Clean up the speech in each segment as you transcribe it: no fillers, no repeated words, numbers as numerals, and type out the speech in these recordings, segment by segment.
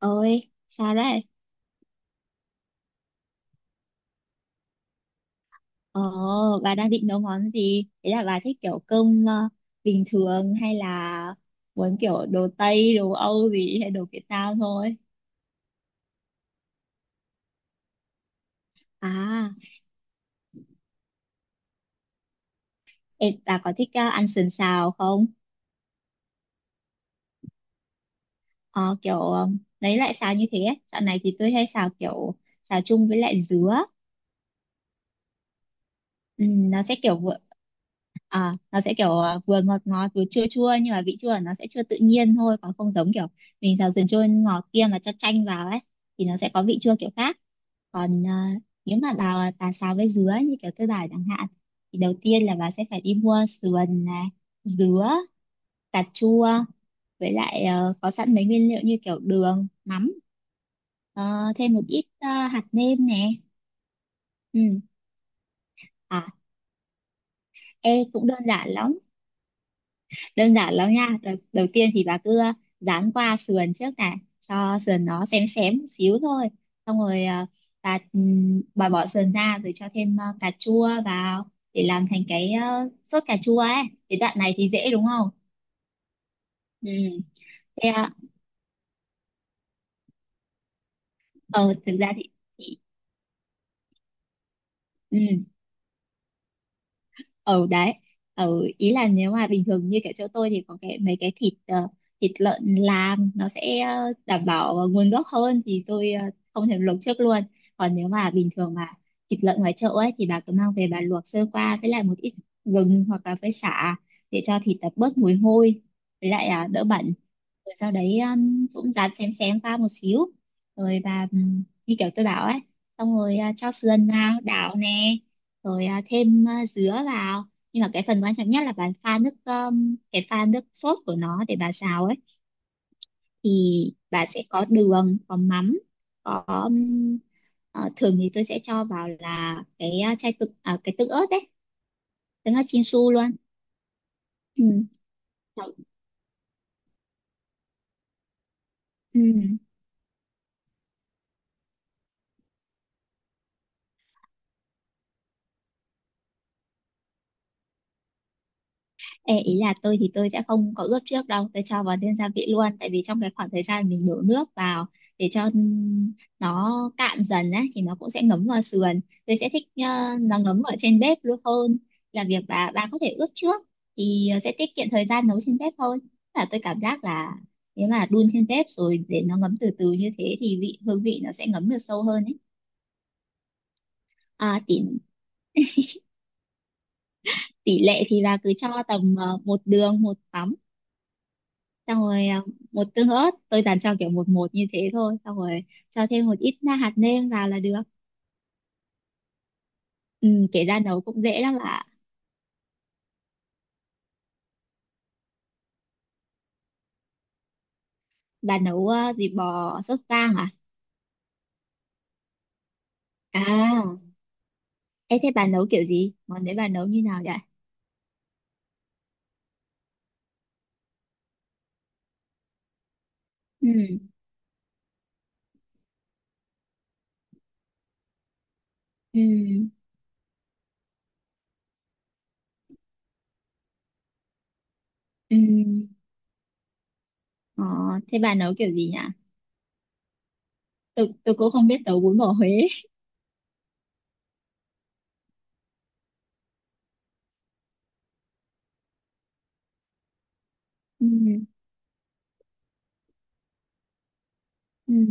Ôi, sao đấy? Ồ, bà đang định nấu món gì? Thế là bà thích kiểu cơm bình thường hay là muốn kiểu đồ Tây, đồ Âu gì hay đồ Việt Nam thôi? À, ê, bà có thích ăn sườn xào không? Ờ, kiểu lấy lại xào như thế ấy. Dạo này thì tôi hay xào kiểu xào chung với lại dứa. Ừ, nó sẽ kiểu vừa nó sẽ kiểu vừa ngọt ngọt vừa chua chua, nhưng mà vị chua của nó sẽ chưa tự nhiên thôi, còn không giống kiểu mình xào sườn chua ngọt kia mà cho chanh vào ấy, thì nó sẽ có vị chua kiểu khác. Còn nếu mà bà xào với dứa như kiểu tôi bảo chẳng hạn, thì đầu tiên là bà sẽ phải đi mua sườn này, dứa, cà chua, với lại có sẵn mấy nguyên liệu như kiểu đường, mắm, ờ, thêm một ít hạt nêm nè. Ừ. À. Ê, cũng đơn giản lắm, đơn giản lắm nha. Đầu tiên thì bà cứ dán qua sườn trước này cho sườn nó xém xém một xíu thôi, xong rồi bà bỏ sườn ra rồi cho thêm cà chua vào để làm thành cái sốt cà chua ấy. Cái đoạn này thì dễ đúng không. Ừ. Thế ờ, thực ra thì ừ. Ở đấy, ở ý là nếu mà bình thường như kiểu chỗ tôi thì có cái mấy cái thịt thịt lợn làm nó sẽ đảm bảo nguồn gốc hơn, thì tôi không thèm luộc trước luôn. Còn nếu mà bình thường mà thịt lợn ngoài chợ ấy thì bà cứ mang về bà luộc sơ qua với lại một ít gừng hoặc là với sả, để cho thịt bớt mùi hôi với lại đỡ bẩn, rồi sau đấy cũng dám xém xém qua một xíu, rồi và như kiểu tôi bảo ấy, xong rồi cho sườn vào đảo nè, rồi thêm dứa vào. Nhưng mà cái phần quan trọng nhất là bà pha nước cái pha nước sốt của nó để bà xào ấy, thì bà sẽ có đường, có mắm, có thường thì tôi sẽ cho vào là cái chai tự cái tương ớt đấy, tương ớt Chinsu luôn. Ừ. Sau- Ừ. Ê, ý là tôi thì tôi sẽ không có ướp trước đâu, tôi cho vào thiên gia vị luôn, tại vì trong cái khoảng thời gian mình đổ nước vào để cho nó cạn dần á, thì nó cũng sẽ ngấm vào sườn. Tôi sẽ thích nó ngấm ở trên bếp luôn hơn là việc bà có thể ướp trước, thì sẽ tiết kiệm thời gian nấu trên bếp hơn. Là tôi cảm giác là nếu mà đun trên bếp rồi để nó ngấm từ từ như thế thì vị hương vị nó sẽ ngấm được sâu hơn ấy. À, tỷ tỷ lệ thì là cứ cho tầm một đường một mắm, xong rồi một tương ớt, tôi toàn cho kiểu một một như thế thôi, xong rồi cho thêm một ít na hạt nêm vào là được. Ừ, kể ra nấu cũng dễ lắm ạ. Bà nấu gì bò sốt vang à? À, ê thế bà nấu kiểu gì, món đấy bà nấu như nào vậy? Ừ. Ừ. Ừ. Ờ, thế bà nấu kiểu gì nhỉ? Tôi cũng không biết nấu bún bò Huế. Ừ. Ừ.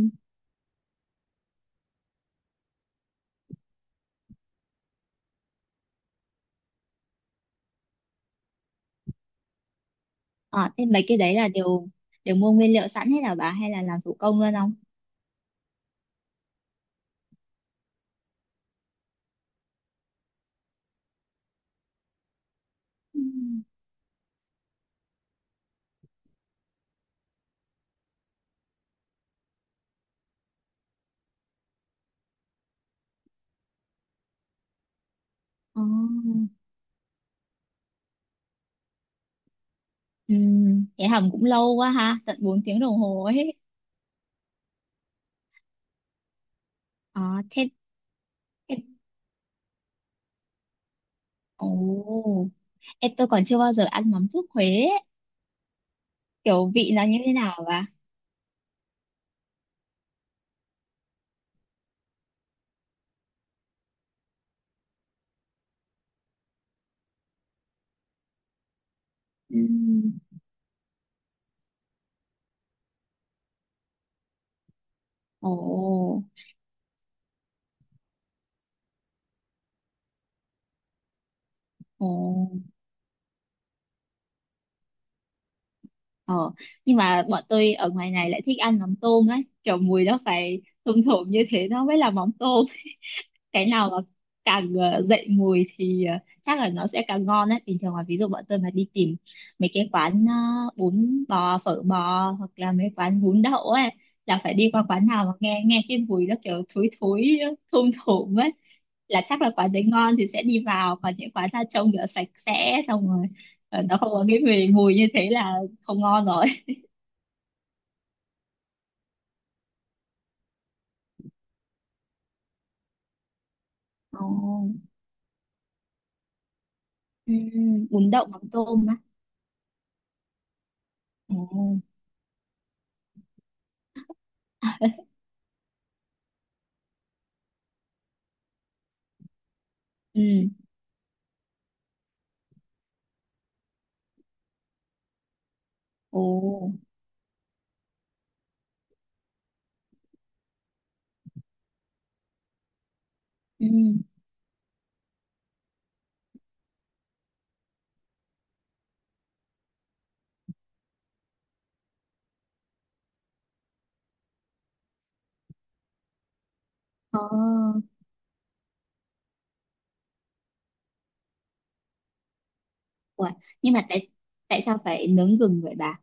Ờ, thế mấy cái đấy là đều, đều mua nguyên liệu sẵn hết là bà hay là làm thủ công luôn không? Ừ. Ờ. Ừ, vậy hầm cũng lâu quá ha, tận 4 tiếng đồng hồ ấy. Ờ, thế, thế ồ, em tôi còn chưa bao giờ ăn mắm ruốc Huế ấy. Kiểu vị nó như thế nào và ừ. Ồ, ồ, ờ. Nhưng mà bọn tôi ở ngoài này lại thích ăn mắm tôm ấy, kiểu mùi nó phải thum thủm như thế nó mới là mắm tôm. Cái nào mà càng dậy mùi thì chắc là nó sẽ càng ngon đấy. Bình thường là ví dụ bọn tôi mà đi tìm mấy cái quán bún bò phở bò hoặc là mấy quán bún đậu ấy, là phải đi qua quán nào mà nghe nghe cái mùi nó kiểu thối thối, thum thủm ấy, là chắc là quán đấy ngon thì sẽ đi vào. Còn những quán ra trông rửa sạch sẽ xong rồi nó không có cái mùi mùi như thế là không ngon rồi. Ồ, ừ, bún đậu mắm tôm á. Ồ. Ừ. Ồ. Ừ. Ờ. Ủa, nhưng mà tại, tại sao phải nướng gừng vậy bà?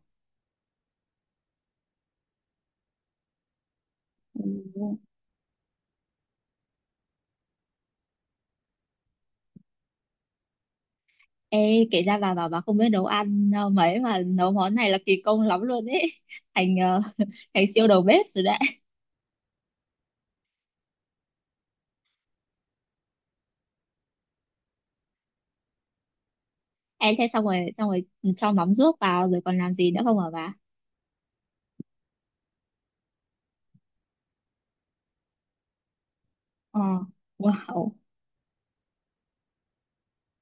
Ừ. Ê, kể ra bà bảo bà không biết nấu ăn mấy mà nấu món này là kỳ công lắm luôn ấy. Thành thành siêu đầu bếp rồi đấy. Ê, thế xong rồi, xong rồi cho mắm ruốc vào rồi còn làm gì nữa không hả bà? Ờ, wow.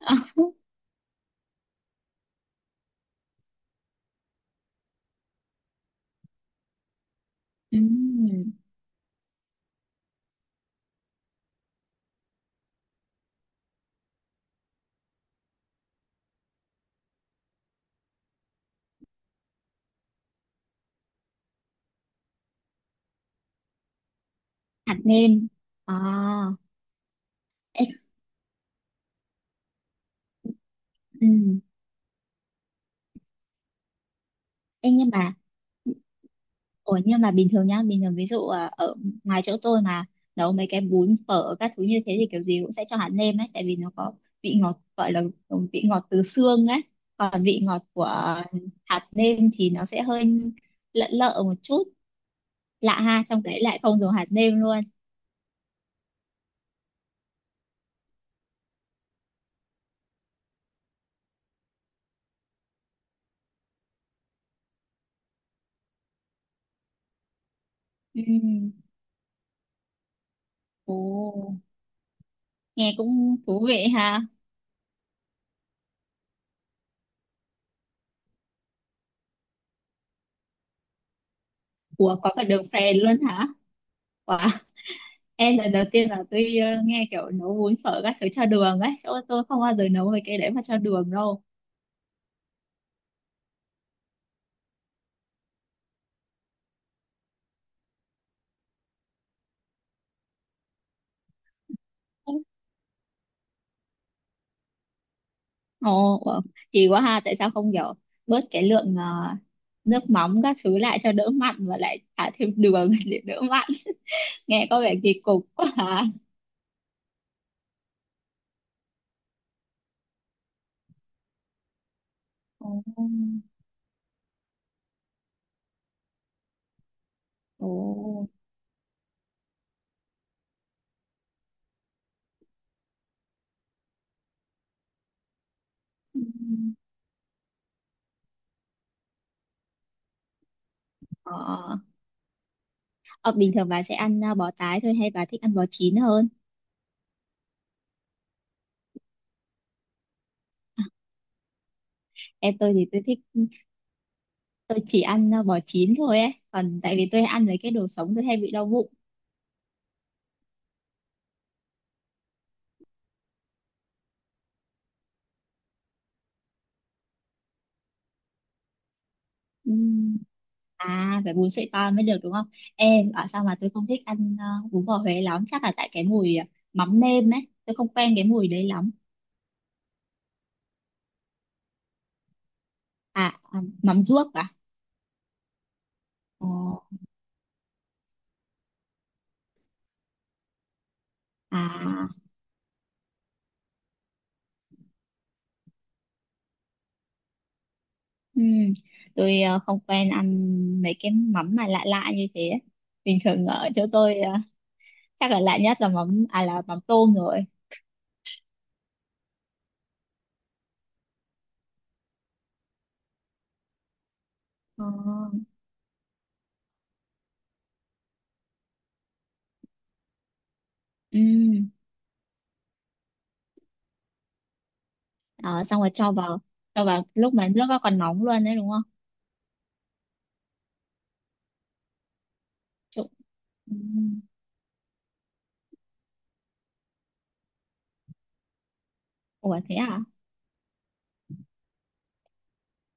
Ừm, hạt nêm. À, ê, ừm, ê, nhưng mà ủa nhưng mà bình thường nhá, bình thường ví dụ ở ngoài chỗ tôi mà nấu mấy cái bún phở các thứ như thế thì kiểu gì cũng sẽ cho hạt nêm ấy, tại vì nó có vị ngọt gọi là vị ngọt từ xương ấy, còn vị ngọt của hạt nêm thì nó sẽ hơi lợn lợ một chút, lạ ha, trong đấy lại không dùng hạt nêm luôn. Ừm. Ồ, nghe cũng thú vị ha. Ủa có cả đường phèn luôn hả? Wow. Em lần đầu tiên là tôi nghe kiểu nấu bún phở các thứ cho đường ấy, chỗ tôi không bao giờ nấu mấy cái đấy mà cho đường đâu. Ồ, wow. Kỳ quá ha, tại sao không kiểu bớt cái lượng nước mắm các thứ lại cho đỡ mặn và lại thả thêm đường để đỡ mặn. Nghe có vẻ kỳ cục quá hả? Ồ. Ồ. Ừm. Ờ. Ờ, bình thường bà sẽ ăn bò tái thôi hay bà thích ăn bò chín hơn? Em tôi thì tôi thích, tôi chỉ ăn bò chín thôi ấy, còn tại vì tôi ăn với cái đồ sống tôi hay bị đau bụng. À, phải bún sợi to mới được đúng không? Em bảo sao mà tôi không thích ăn bún bò Huế lắm, chắc là tại cái mùi mắm nêm ấy, tôi không quen cái mùi đấy lắm. À, à mắm ruốc à? Ồ, à, ừm, tôi không quen ăn mấy cái mắm mà lạ lạ như thế ấy. Bình thường ở chỗ tôi chắc là lạ nhất là mắm à, là mắm tôm rồi. Ờ, ừm. Đó, xong rồi cho vào, cho vào lúc mà nước nó còn nóng luôn đấy đúng không? Trụng. Ừm. Ủa thế à?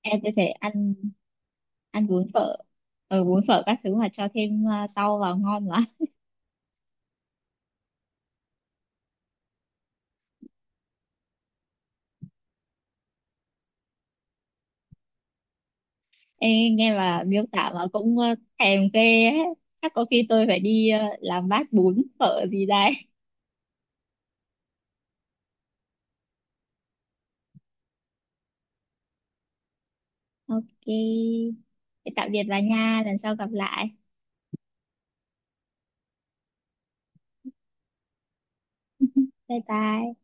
Em có thể ăn, ăn bún phở, ừ, bún phở các thứ mà cho thêm rau vào ngon lắm. Ê, nghe mà miêu tả mà cũng thèm ghê ấy. Chắc có khi tôi phải đi làm bát bún phở gì đấy. Ok, thế tạm biệt bà nha, lần sau gặp lại. Bye bye.